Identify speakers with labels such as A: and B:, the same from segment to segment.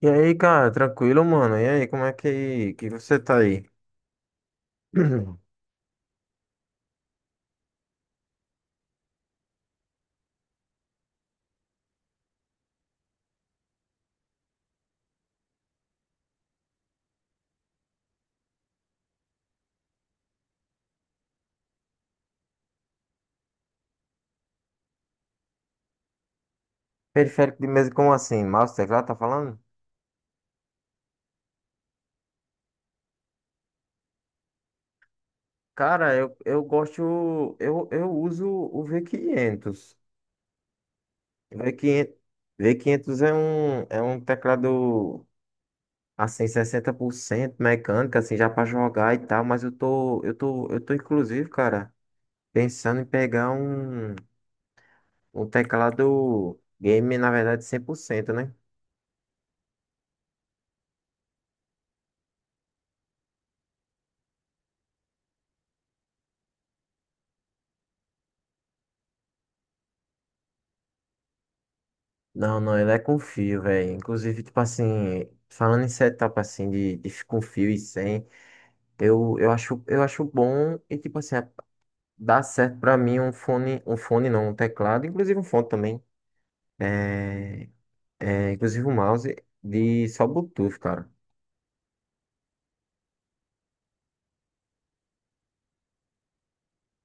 A: E aí, cara, tranquilo, mano? E aí, como é que você tá aí? Periférico de mesa, como assim? Mouse, teclado, tá falando? Cara, eu gosto, eu uso o V500. V500, V500 é um teclado, assim, 60% mecânico, assim, já pra jogar e tal, mas eu tô, inclusive, cara, pensando em pegar um teclado game, na verdade, 100%, né? Não, não, ele é com fio, velho. Inclusive, tipo assim, falando em setup assim de com fio e sem, eu acho bom e tipo assim, dá certo pra mim um fone não, um teclado, inclusive um fone também. É, é, inclusive um mouse de só Bluetooth, cara.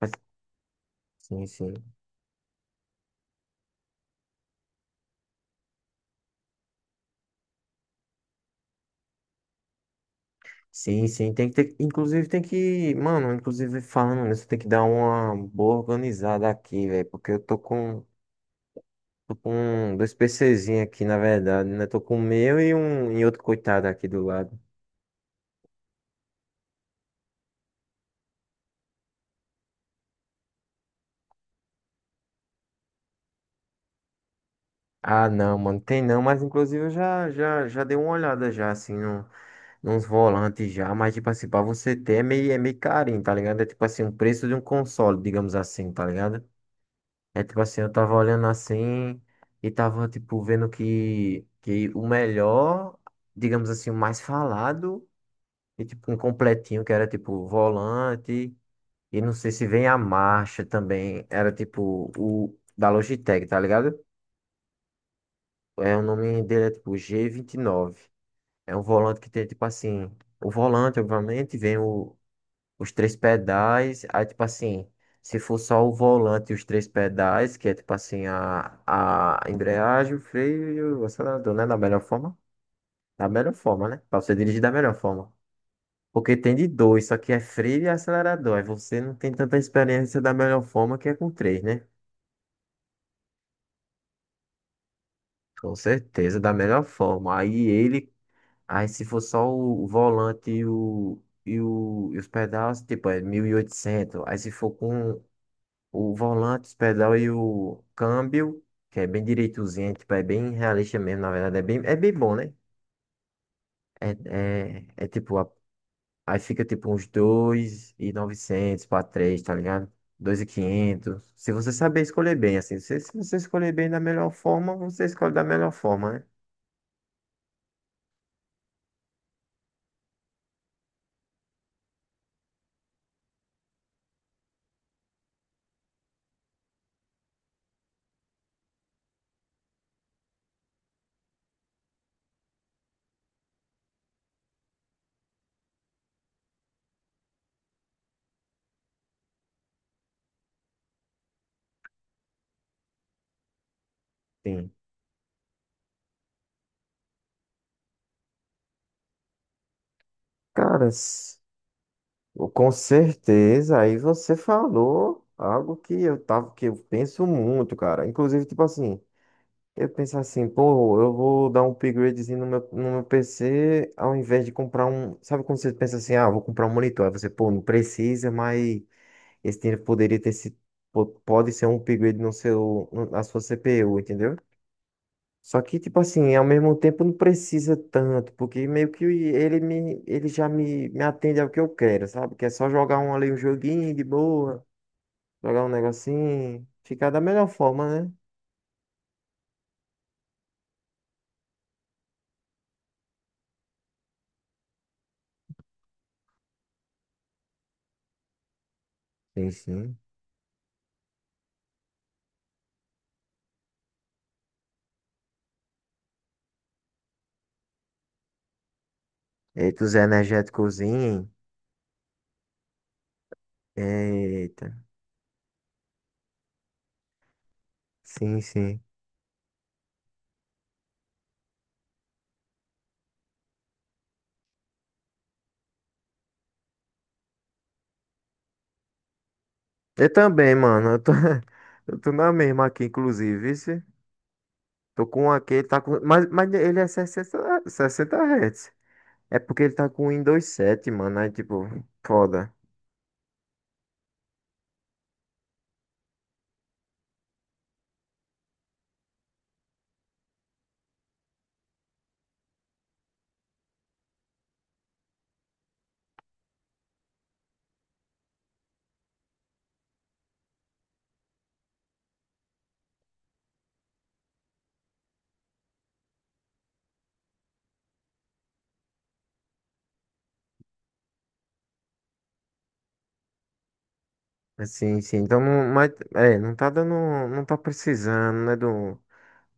A: Mas, Sim, sim. Sim, sim, tem que ter, inclusive tem que, mano, inclusive falando nisso, tem que dar uma boa organizada aqui, velho, porque eu tô com Tô com dois PCzinhos aqui, na verdade, né? Tô com o meu e um e outro coitado aqui do lado. Ah, não, mano, tem não, mas inclusive eu já dei uma olhada já, assim, no, nos volantes já, mas tipo assim, pra você ter é meio carinho, tá ligado? É tipo assim, o preço de um console, digamos assim, tá ligado? É tipo assim, eu tava olhando assim e tava, tipo, vendo que o melhor, digamos assim, o mais falado, e tipo, um completinho que era tipo volante. E não sei se vem a marcha também. Era tipo o da Logitech, tá ligado? É, o nome dele é tipo G29. É um volante que tem tipo assim. O volante, obviamente, vem os três pedais. Aí, tipo assim, se for só o volante e os três pedais, que é tipo assim, a embreagem, o freio e o acelerador, né? Da melhor forma. Da melhor forma, né? Pra você dirigir da melhor forma. Porque tem de dois, só que é freio e acelerador. Aí você não tem tanta experiência da melhor forma que é com três, né? Com certeza, da melhor forma. Aí se for só volante e os pedais, tipo, é 1.800. Aí se for com o volante, os pedal e o câmbio, que é bem direitozinho, tipo, é bem realista mesmo, na verdade, é bem bom, né? É, tipo, aí fica tipo uns 2.900 para três, tá ligado? 2.500. Se você saber escolher bem, assim, se você escolher bem da melhor forma, você escolhe da melhor forma, né? Sim. Caras, com certeza, aí você falou algo que que eu penso muito, cara. Inclusive, tipo assim, eu penso assim, pô, eu vou dar um upgradezinho no meu PC, ao invés de comprar um. Sabe quando você pensa assim, ah, vou comprar um monitor? Aí você, pô, não precisa, mas esse dinheiro poderia ter sido. Pode ser um upgrade no seu, no- na sua CPU, entendeu? Só que, tipo assim, ao mesmo tempo não precisa tanto, porque meio que ele já me atende ao que eu quero, sabe? Que é só jogar um ali, um joguinho de boa, jogar um negocinho, ficar da melhor forma, né? Sim, sim. Eita, os energéticozinho. Eita, sim, sim. Eu também, mano, eu tô, eu tô na mesma aqui, inclusive, vice. Tô com aquele, mas ele é sessenta Hz. É porque ele tá com o Windows 7, mano, aí tipo, foda. Sim, sim. Então, não, mas, é, não tá dando, não tá precisando, né,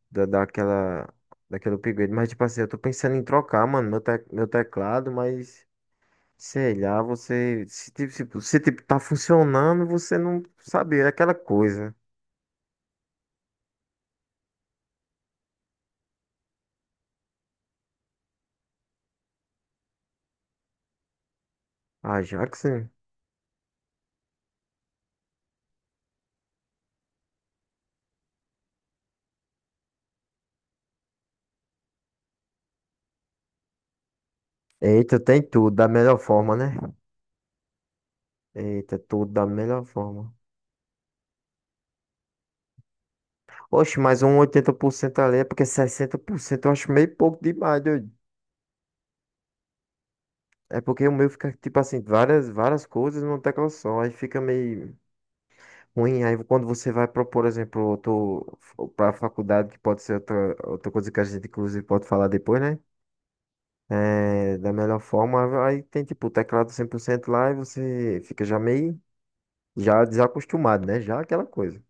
A: da, daquela, daquele upgrade. Mas, tipo assim, eu tô pensando em trocar, mano, meu teclado, mas, sei lá, você, se, tipo, se, tipo, tá funcionando, você não sabe, é aquela coisa. Ah, já que sim. Eita, tem tudo, da melhor forma, né? Eita, tudo da melhor forma. Oxe, mas um 80% ali é porque 60% eu acho meio pouco demais, doido. É porque o meu fica, tipo assim, várias, várias coisas numa tecla só. Aí fica meio ruim. Aí quando você vai propor, por exemplo, outro, para faculdade, que pode ser outra, outra coisa que a gente, inclusive, pode falar depois, né? É, da melhor forma, aí tem, tipo, o teclado 100% lá e você fica já meio, já desacostumado, né? Já aquela coisa.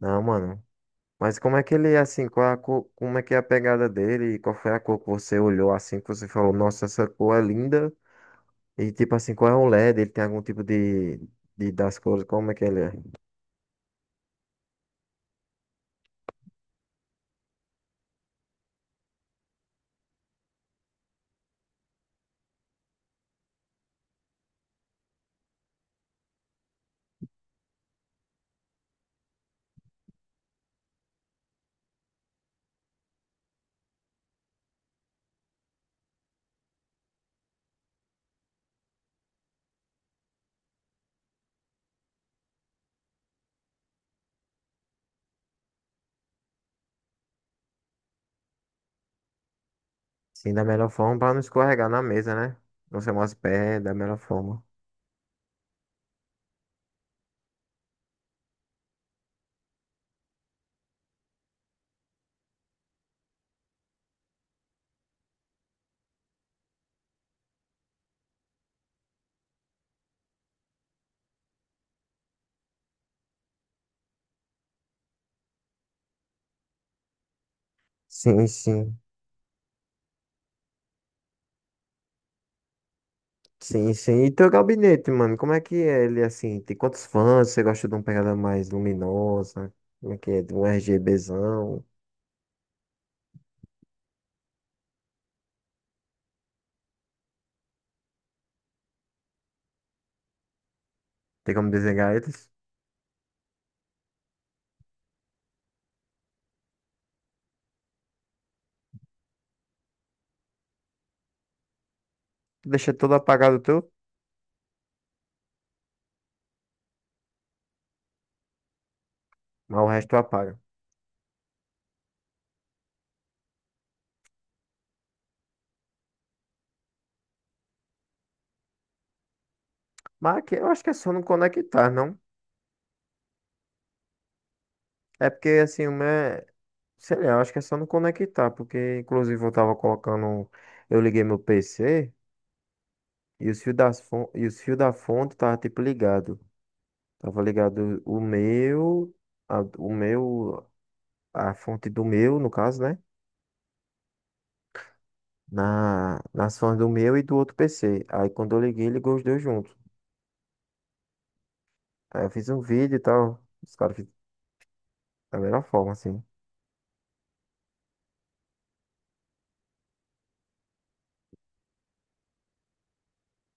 A: Não, mano. Mas como é que ele é assim? Qual é a como é que é a pegada dele? E qual foi a cor que você olhou assim, que você falou, nossa, essa cor é linda? E tipo assim, qual é o LED? Ele tem algum tipo de das cores, como é que ele é? Sim, da melhor forma para não escorregar na mesa, né? Não ser umas pés, da melhor forma. Sim, sim. Sim, sim. E teu gabinete, mano, como é que é ele assim? Tem quantos fãs? Você gosta de uma pegada mais luminosa? Como é que é? De um RGBzão? Tem como desenhar eles? Deixa tudo apagado tu, mas o resto tu apaga. Mas aqui eu acho que é só não conectar, não? É porque assim, o meu. Sei lá, eu acho que é só não conectar, porque inclusive eu tava colocando. Eu liguei meu PC e os fios e os fios da fonte tava tipo ligado. Tava ligado o meu, a- o meu, a fonte do meu, no caso, né? Nas fontes do meu e do outro PC. Aí quando eu liguei, ligou os dois juntos. Aí eu fiz um vídeo e tal. Os caras fizeram da melhor forma, assim.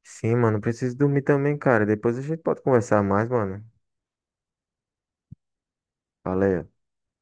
A: Sim, mano, preciso dormir também, cara. Depois a gente pode conversar mais, mano. Valeu.